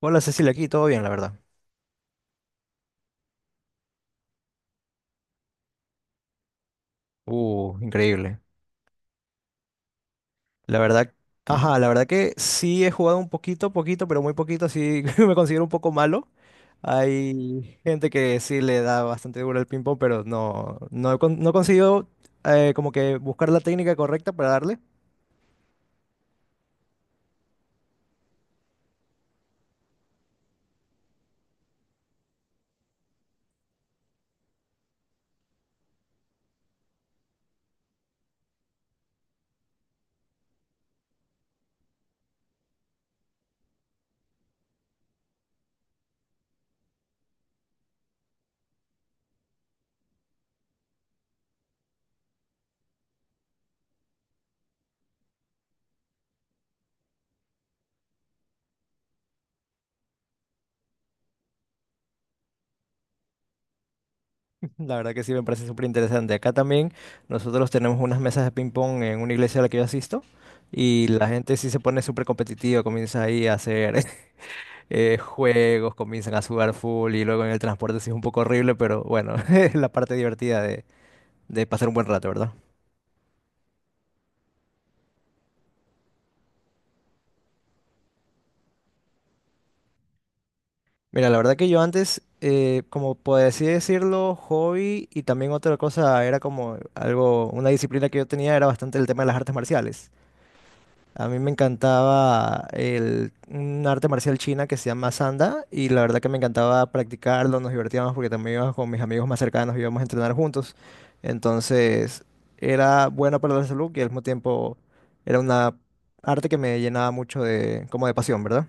Hola Cecilia, aquí todo bien, la verdad. Increíble. La verdad, ajá, la verdad que sí he jugado un poquito, poquito, pero muy poquito, así, me considero un poco malo. Hay gente que sí le da bastante duro al ping-pong, pero no, no, no he conseguido, como que buscar la técnica correcta para darle. La verdad que sí me parece súper interesante. Acá también nosotros tenemos unas mesas de ping-pong en una iglesia a la que yo asisto, y la gente sí se pone súper competitiva, comienza ahí a hacer, juegos, comienzan a sudar full y luego en el transporte sí es un poco horrible, pero bueno, es la parte divertida de pasar un buen rato, ¿verdad? Mira, la verdad que yo antes, como por así decirlo, hobby y también otra cosa era como algo, una disciplina que yo tenía era bastante el tema de las artes marciales. A mí me encantaba el, un arte marcial china que se llama Sanda, y la verdad que me encantaba practicarlo, nos divertíamos porque también íbamos con mis amigos más cercanos, íbamos a entrenar juntos. Entonces era bueno para la salud y al mismo tiempo era una arte que me llenaba mucho de, como de pasión, ¿verdad?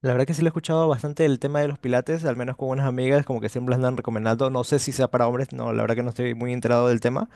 La verdad que sí lo he escuchado bastante, el tema de los pilates, al menos con unas amigas como que siempre las andan recomendando. No sé si sea para hombres, no, la verdad que no estoy muy enterado del tema.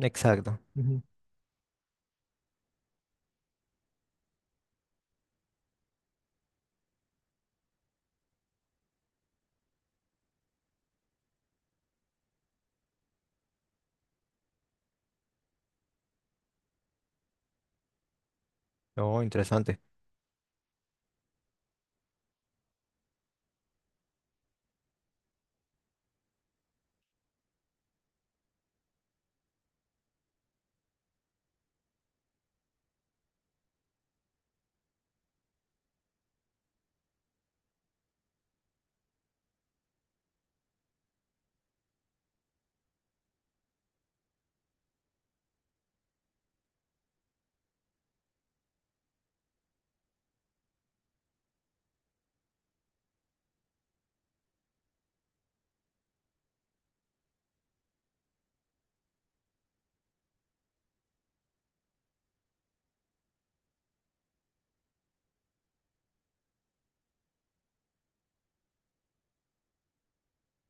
Exacto. Ujú. Oh, interesante.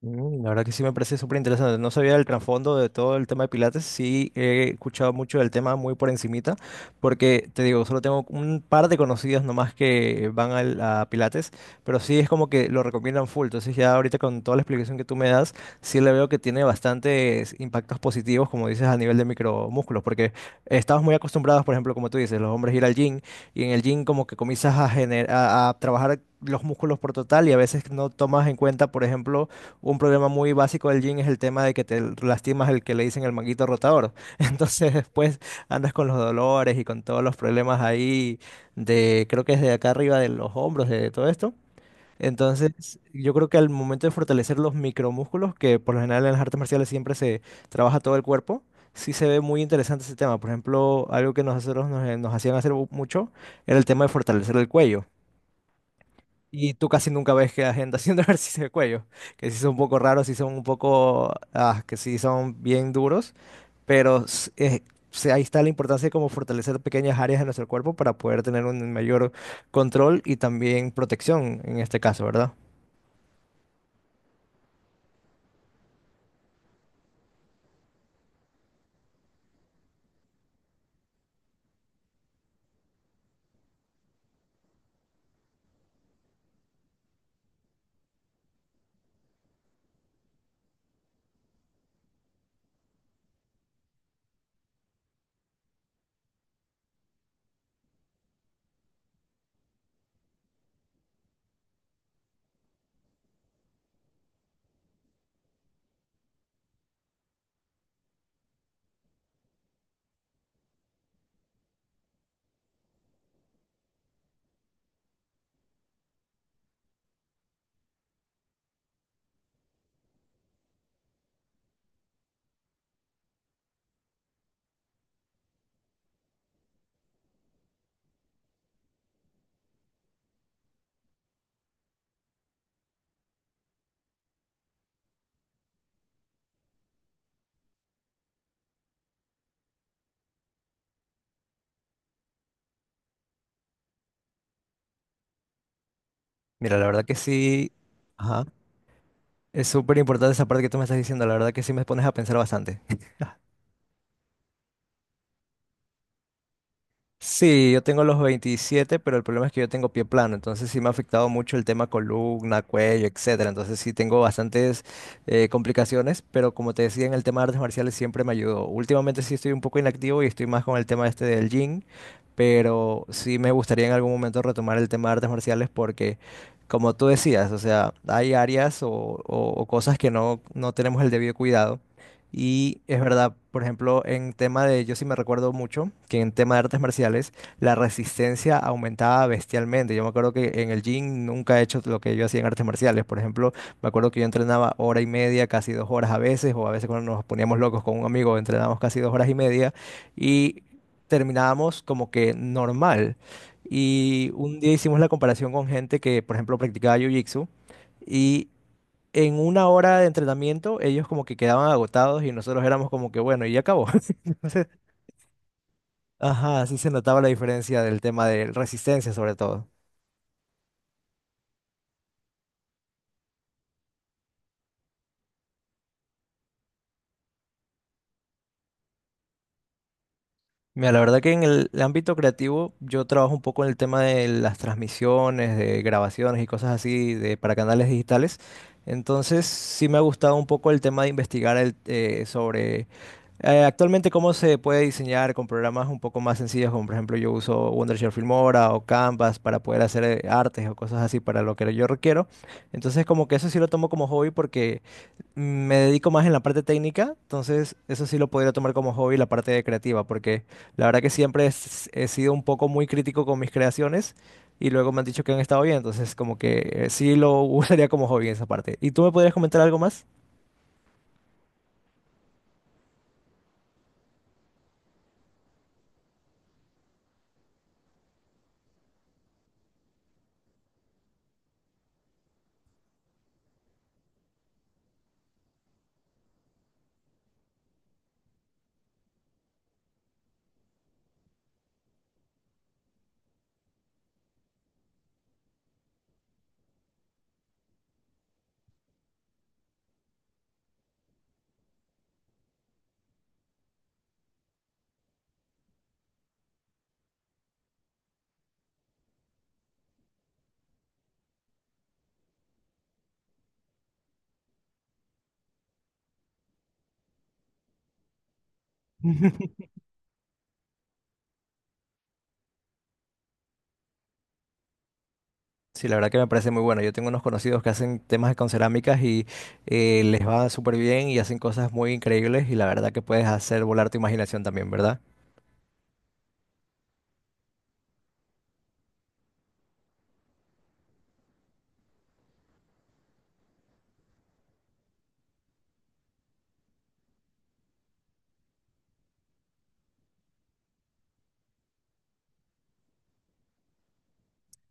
Mm, la verdad que sí me parece súper interesante. No sabía el trasfondo de todo el tema de Pilates. Sí he escuchado mucho del tema muy por encimita, porque te digo, solo tengo un par de conocidos nomás que van a Pilates, pero sí es como que lo recomiendan full. Entonces ya ahorita con toda la explicación que tú me das, sí le veo que tiene bastantes impactos positivos, como dices, a nivel de micromúsculos, porque estamos muy acostumbrados, por ejemplo, como tú dices, los hombres ir al gym, y en el gym como que comienzas a, a trabajar los músculos por total, y a veces no tomas en cuenta, por ejemplo, un problema muy básico del gym es el tema de que te lastimas el que le dicen el manguito rotador. Entonces después andas con los dolores y con todos los problemas ahí de, creo que es de acá arriba de los hombros, de todo esto. Entonces yo creo que al momento de fortalecer los micromúsculos, que por lo general en las artes marciales siempre se trabaja todo el cuerpo, sí se ve muy interesante ese tema. Por ejemplo, algo que nosotros nos, nos hacían hacer mucho era el tema de fortalecer el cuello. Y tú casi nunca ves que la gente haciendo ejercicio de cuello, que sí son un poco raros, sí son un poco, ah, que sí son bien duros, pero ahí está la importancia de cómo fortalecer pequeñas áreas de nuestro cuerpo para poder tener un mayor control y también protección en este caso, ¿verdad? Mira, la verdad que sí, ajá, es súper importante esa parte que tú me estás diciendo, la verdad que sí me pones a pensar bastante. Sí, yo tengo los 27, pero el problema es que yo tengo pie plano, entonces sí me ha afectado mucho el tema columna, cuello, etcétera. Entonces sí tengo bastantes, complicaciones, pero como te decía, en el tema de artes marciales siempre me ayudó. Últimamente sí estoy un poco inactivo y estoy más con el tema este del gym, pero sí me gustaría en algún momento retomar el tema de artes marciales porque, como tú decías, o sea, hay áreas o, o cosas que no, no tenemos el debido cuidado. Y es verdad, por ejemplo, en tema de, yo sí me recuerdo mucho que en tema de artes marciales la resistencia aumentaba bestialmente. Yo me acuerdo que en el gym nunca he hecho lo que yo hacía en artes marciales. Por ejemplo, me acuerdo que yo entrenaba 1 hora y media, casi 2 horas a veces, o a veces cuando nos poníamos locos con un amigo, entrenábamos casi 2 horas y media y terminábamos como que normal. Y un día hicimos la comparación con gente que, por ejemplo, practicaba Jiu-Jitsu. Y en 1 hora de entrenamiento, ellos como que quedaban agotados y nosotros éramos como que, bueno, y ya acabó. Entonces, ajá, así se notaba la diferencia del tema de resistencia, sobre todo. Mira, la verdad que en el ámbito creativo, yo trabajo un poco en el tema de las transmisiones, de grabaciones y cosas así de, para canales digitales. Entonces, sí me ha gustado un poco el tema de investigar el, sobre, actualmente, ¿cómo se puede diseñar con programas un poco más sencillos, como por ejemplo yo uso Wondershare Filmora o Canvas para poder hacer, artes o cosas así para lo que yo requiero? Entonces, como que eso sí lo tomo como hobby porque, mm, me dedico más en la parte técnica, entonces eso sí lo podría tomar como hobby la parte creativa, porque la verdad que siempre he sido un poco muy crítico con mis creaciones y luego me han dicho que han estado bien, entonces como que, sí lo usaría como hobby en esa parte. ¿Y tú me podrías comentar algo más? Sí, la verdad que me parece muy bueno. Yo tengo unos conocidos que hacen temas con cerámicas y, les va súper bien y hacen cosas muy increíbles y la verdad que puedes hacer volar tu imaginación también, ¿verdad?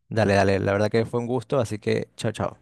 Dale, dale. La verdad que fue un gusto, así que chao, chao.